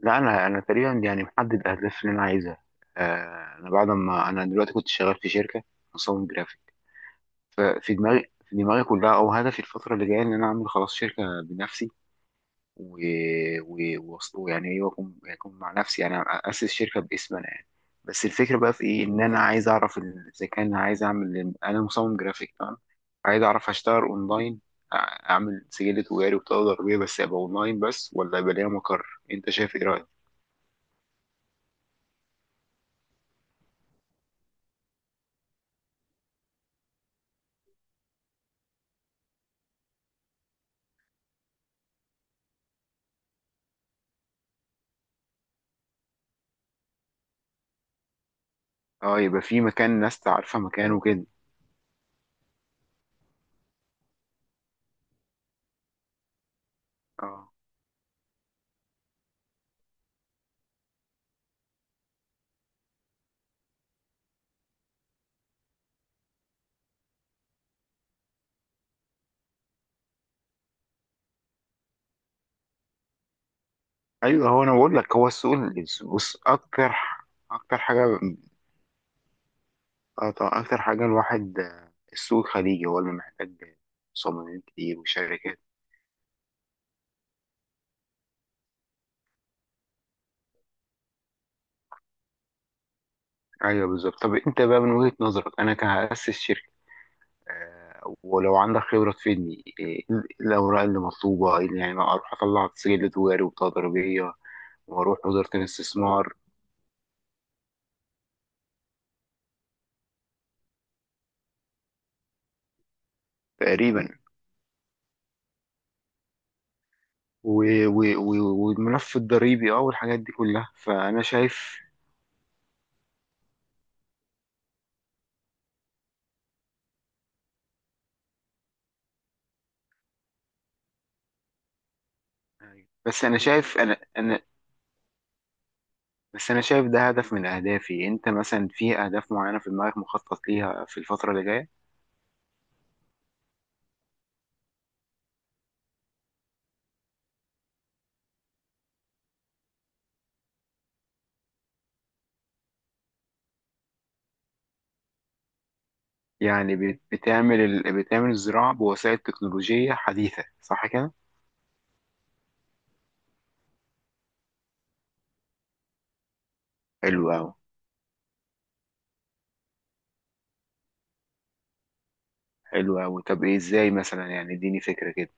لا، انا تقريبا يعني محدد الاهداف اللي انا عايزها. انا بعد ما انا دلوقتي كنت شغال في شركه مصمم جرافيك. ففي دماغي كلها او هدفي الفتره اللي جايه ان انا اعمل خلاص شركه بنفسي و... و... وأص- ويعني ايه واكون اكون مع نفسي يعني اسس شركه باسم انا يعني. بس الفكره بقى في ايه، ان انا عايز اعرف اذا كان عايز اعمل انا مصمم جرافيك تمام، عايز اعرف اشتغل اونلاين. أع- اعمل سجل تجاري وبطاقه ضريبيه بس ابقى اونلاين بس، ولا يبقى ليا مقر؟ انت شايف ايه رايك؟ اه، يبقى في مكان ناس تعرفها مكانه كده. اه ايوه، هو انا بقول لك، هو بص، اكتر اكتر حاجه آه طبعاً، اكتر حاجه الواحد، السوق الخليجي هو اللي محتاج مصممين كتير وشركات. ايوه بالظبط. طب انت بقى من وجهه نظرك انا كهأسس شركه، ولو عندك خبره تفيدني، إيه الاوراق اللي مطلوبه، إيه اللي يعني اروح اطلع سجل تجاري وتضريبيه واروح وزاره الاستثمار؟ تقريبا. و- و- و- والملف الضريبي اه والحاجات دي كلها، فانا شايف. بس انا شايف انا انا بس انا شايف ده هدف من اهدافي. انت مثلا في اهداف معينه في دماغك مخطط ليها في الفتره اللي جايه؟ بتعمل بتعمل الزراعه بوسائل تكنولوجيه حديثه، صح كده؟ حلو قوي. حلو قوي. طب ايه، ازاي مثلا، يعني اديني فكره كده.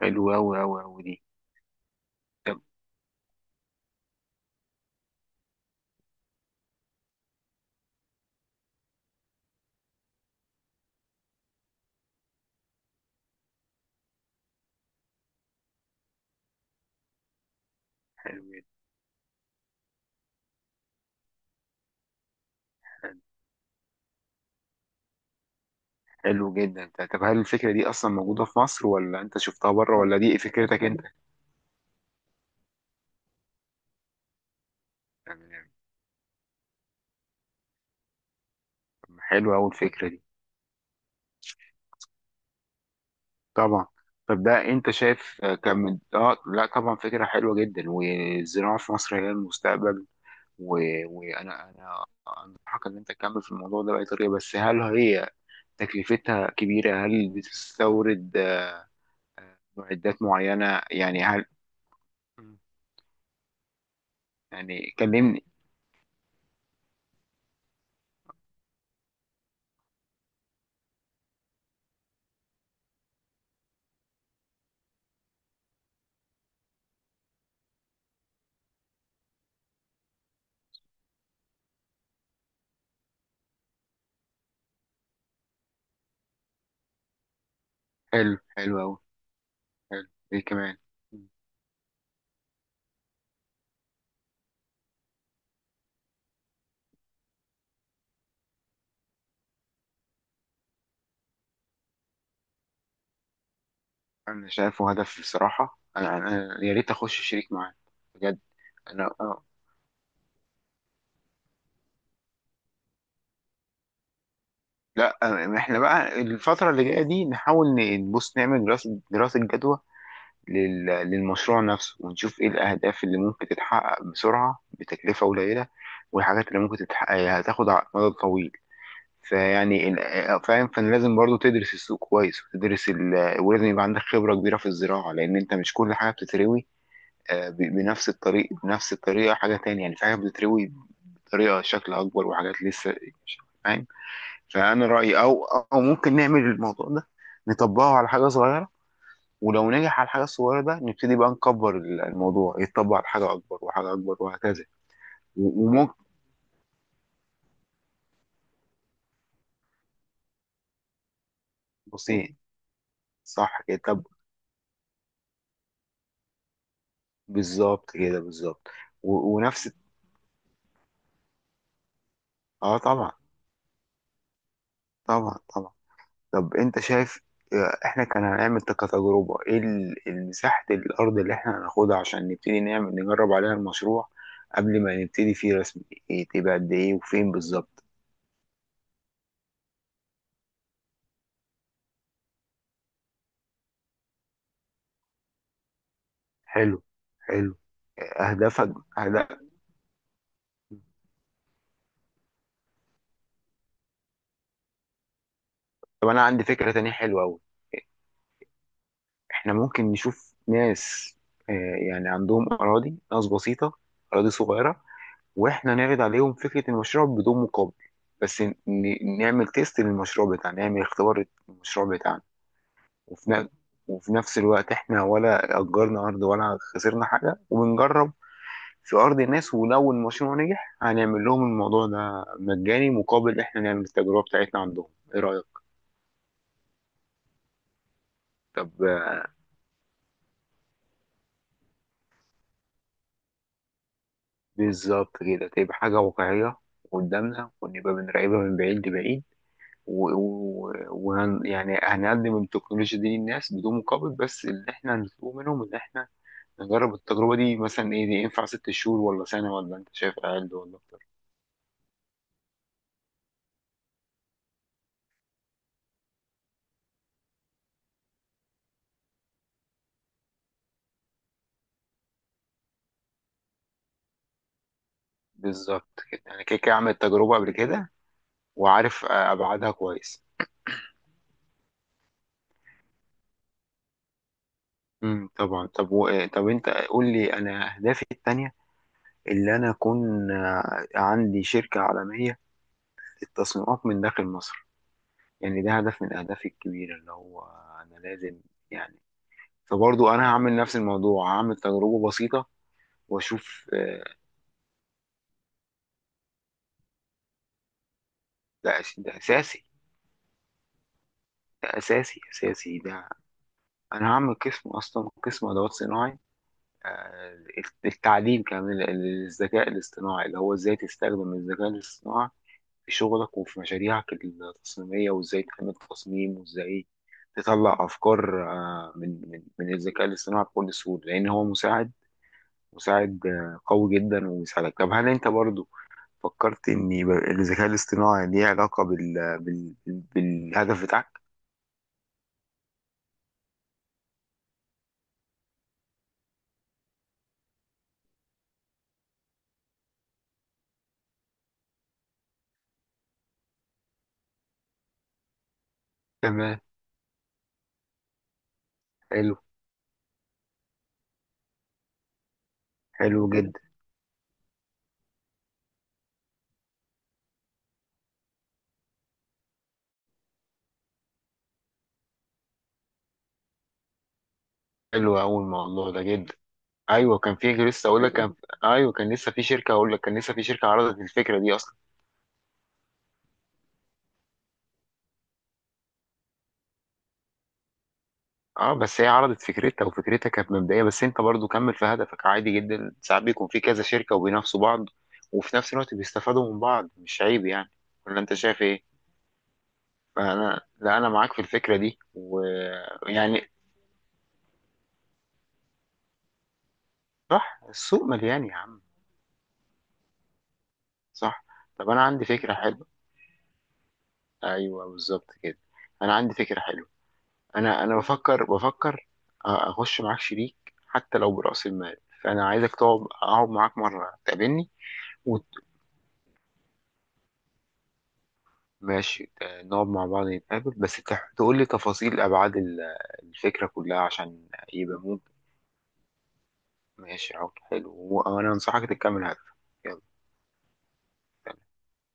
حلو قوي قوي قوي دي. طب، حلو جدا. حلو جدا. طب هل الفكره دي اصلا موجوده في مصر ولا انت شفتها بره ولا دي فكرتك انت؟ حلوة أوي الفكرة دي. طبعا. طب ده أنت شايف آه، كان من آه لا، طبعا فكرة حلوة جدا، والزراعة في مصر هي المستقبل. و... وأنا، أنصحك إن أنت تكمل في الموضوع ده بأي طريقة. بس هل هي تكلفتها كبيرة؟ هل بتستورد معدات معينة يعني؟ هل يعني كلمني. حلو. حلو أوي. حلو. إيه كمان؟ أنا شايفه هدف بصراحة. أنا أنا يا ريت أخش شريك معاه بجد. أنا لا، احنا بقى الفترة اللي جاية دي نحاول نبص نعمل دراسة جدوى للمشروع نفسه، ونشوف ايه الأهداف اللي ممكن تتحقق بسرعة بتكلفة قليلة، والحاجات اللي ممكن تتحقق هتاخد على المدى الطويل. فيعني ال- آه، فاهم، فانا لازم برضو تدرس السوق كويس وتدرس ولازم يبقى عندك خبرة كبيرة في الزراعة، لأن أنت مش كل حاجة بتتروي بنفس الطريقة. حاجة تانية يعني، في حاجة بتتروي بطريقة شكل أكبر وحاجات لسه، فاهم. فانا رايي او او ممكن نعمل الموضوع ده نطبقه على حاجه صغيره، ولو نجح على الحاجه الصغيره ده نبتدي بقى نكبر الموضوع، يتطبق على حاجه اكبر وحاجه اكبر وهكذا. و- وممكن بصين صح كده. طب بالظبط كده بالظبط. و- ونفس، اه طبعا، طبعا طبعا. طب انت شايف، احنا كان هنعمل كتجربه ايه المساحه الارض اللي احنا هناخدها عشان نبتدي نعمل نجرب عليها المشروع قبل ما نبتدي فيه رسمي؟ إيه، تبقى قد ايه وفين بالظبط؟ حلو. حلو. اهدافك أهداف. طب انا عندي فكره تانية حلوه قوي. احنا ممكن نشوف ناس، آه، يعني عندهم اراضي، ناس بسيطه اراضي صغيره، واحنا نعرض عليهم فكره المشروع بدون مقابل، بس نعمل تيست للمشروع بتاعنا، نعمل اختبار للمشروع بتاعنا. وفي ن- وفي نفس الوقت احنا ولا اجرنا ارض ولا خسرنا حاجه وبنجرب في ارض الناس، ولو المشروع نجح هنعمل لهم الموضوع ده مجاني مقابل احنا نعمل التجربه بتاعتنا عندهم. ايه رايك؟ طب بالظبط كده، تبقى حاجة واقعية قدامنا، ونبقى بنراقبها من بعيد لبعيد، يعني هنقدم التكنولوجيا دي للناس بدون مقابل، بس اللي احنا هنطلبه منهم ان احنا نجرب التجربة دي. مثلا ايه، دي ينفع ست شهور ولا سنة ولا انت شايف اقل ولا اكتر؟ بالظبط كده، انا كده كده عامل التجربة قبل كده وعارف ابعادها كويس. طبعا. طب طب انت قول لي انا اهدافي التانية، اللي انا اكون عندي شركة عالمية للتصميمات من داخل مصر. يعني ده هدف من أهدافي الكبيرة، اللي هو أنا لازم يعني، فبرضو أنا هعمل نفس الموضوع، هعمل تجربة بسيطة وأشوف ده أساسي. ده أساسي أساسي ده. أنا هعمل قسم أصلا، قسم أدوات صناعي، آه، التعليم كمان للذكاء الاصطناعي، اللي هو إزاي تستخدم الذكاء الاصطناعي في شغلك وفي مشاريعك التصميمية، وإزاي تعمل تصميم، وإزاي تطلع أفكار من الذكاء الاصطناعي بكل سهولة، لأن هو مساعد قوي جدا ويساعدك. طب هل انت برضو فكرت ان يبقى الذكاء الاصطناعي ليه علاقة بالهدف بتاعك؟ تمام. حلو. حلو جدا. حلو قوي الموضوع ده جدا. ايوه كان في لسه اقول لك كان ايوه كان لسه في شركه عرضت الفكره دي اصلا. اه، بس هي عرضت فكرتها وفكرتها كانت مبدئيه، بس انت برضو كمل في هدفك عادي جدا. ساعات بيكون في كذا شركه وبينافسوا بعض، وفي نفس الوقت بيستفادوا من بعض، مش عيب يعني. ولا انت شايف ايه؟ انا لا، انا معاك في الفكره دي ويعني. صح، السوق مليان يا عم. صح. طب انا عندي فكره حلوه. ايوه بالظبط كده. انا عندي فكره حلوه. انا انا بفكر اخش معاك شريك حتى لو براس المال. فانا عايزك تقعد اقعد معاك مره تقابلني وت- ماشي، نقعد مع بعض نتقابل، بس تقول لي تفاصيل ابعاد الفكره كلها عشان يبقى ممكن. ماشي، عقد حلو، وانا انصحك تكمل هدفك. يلا.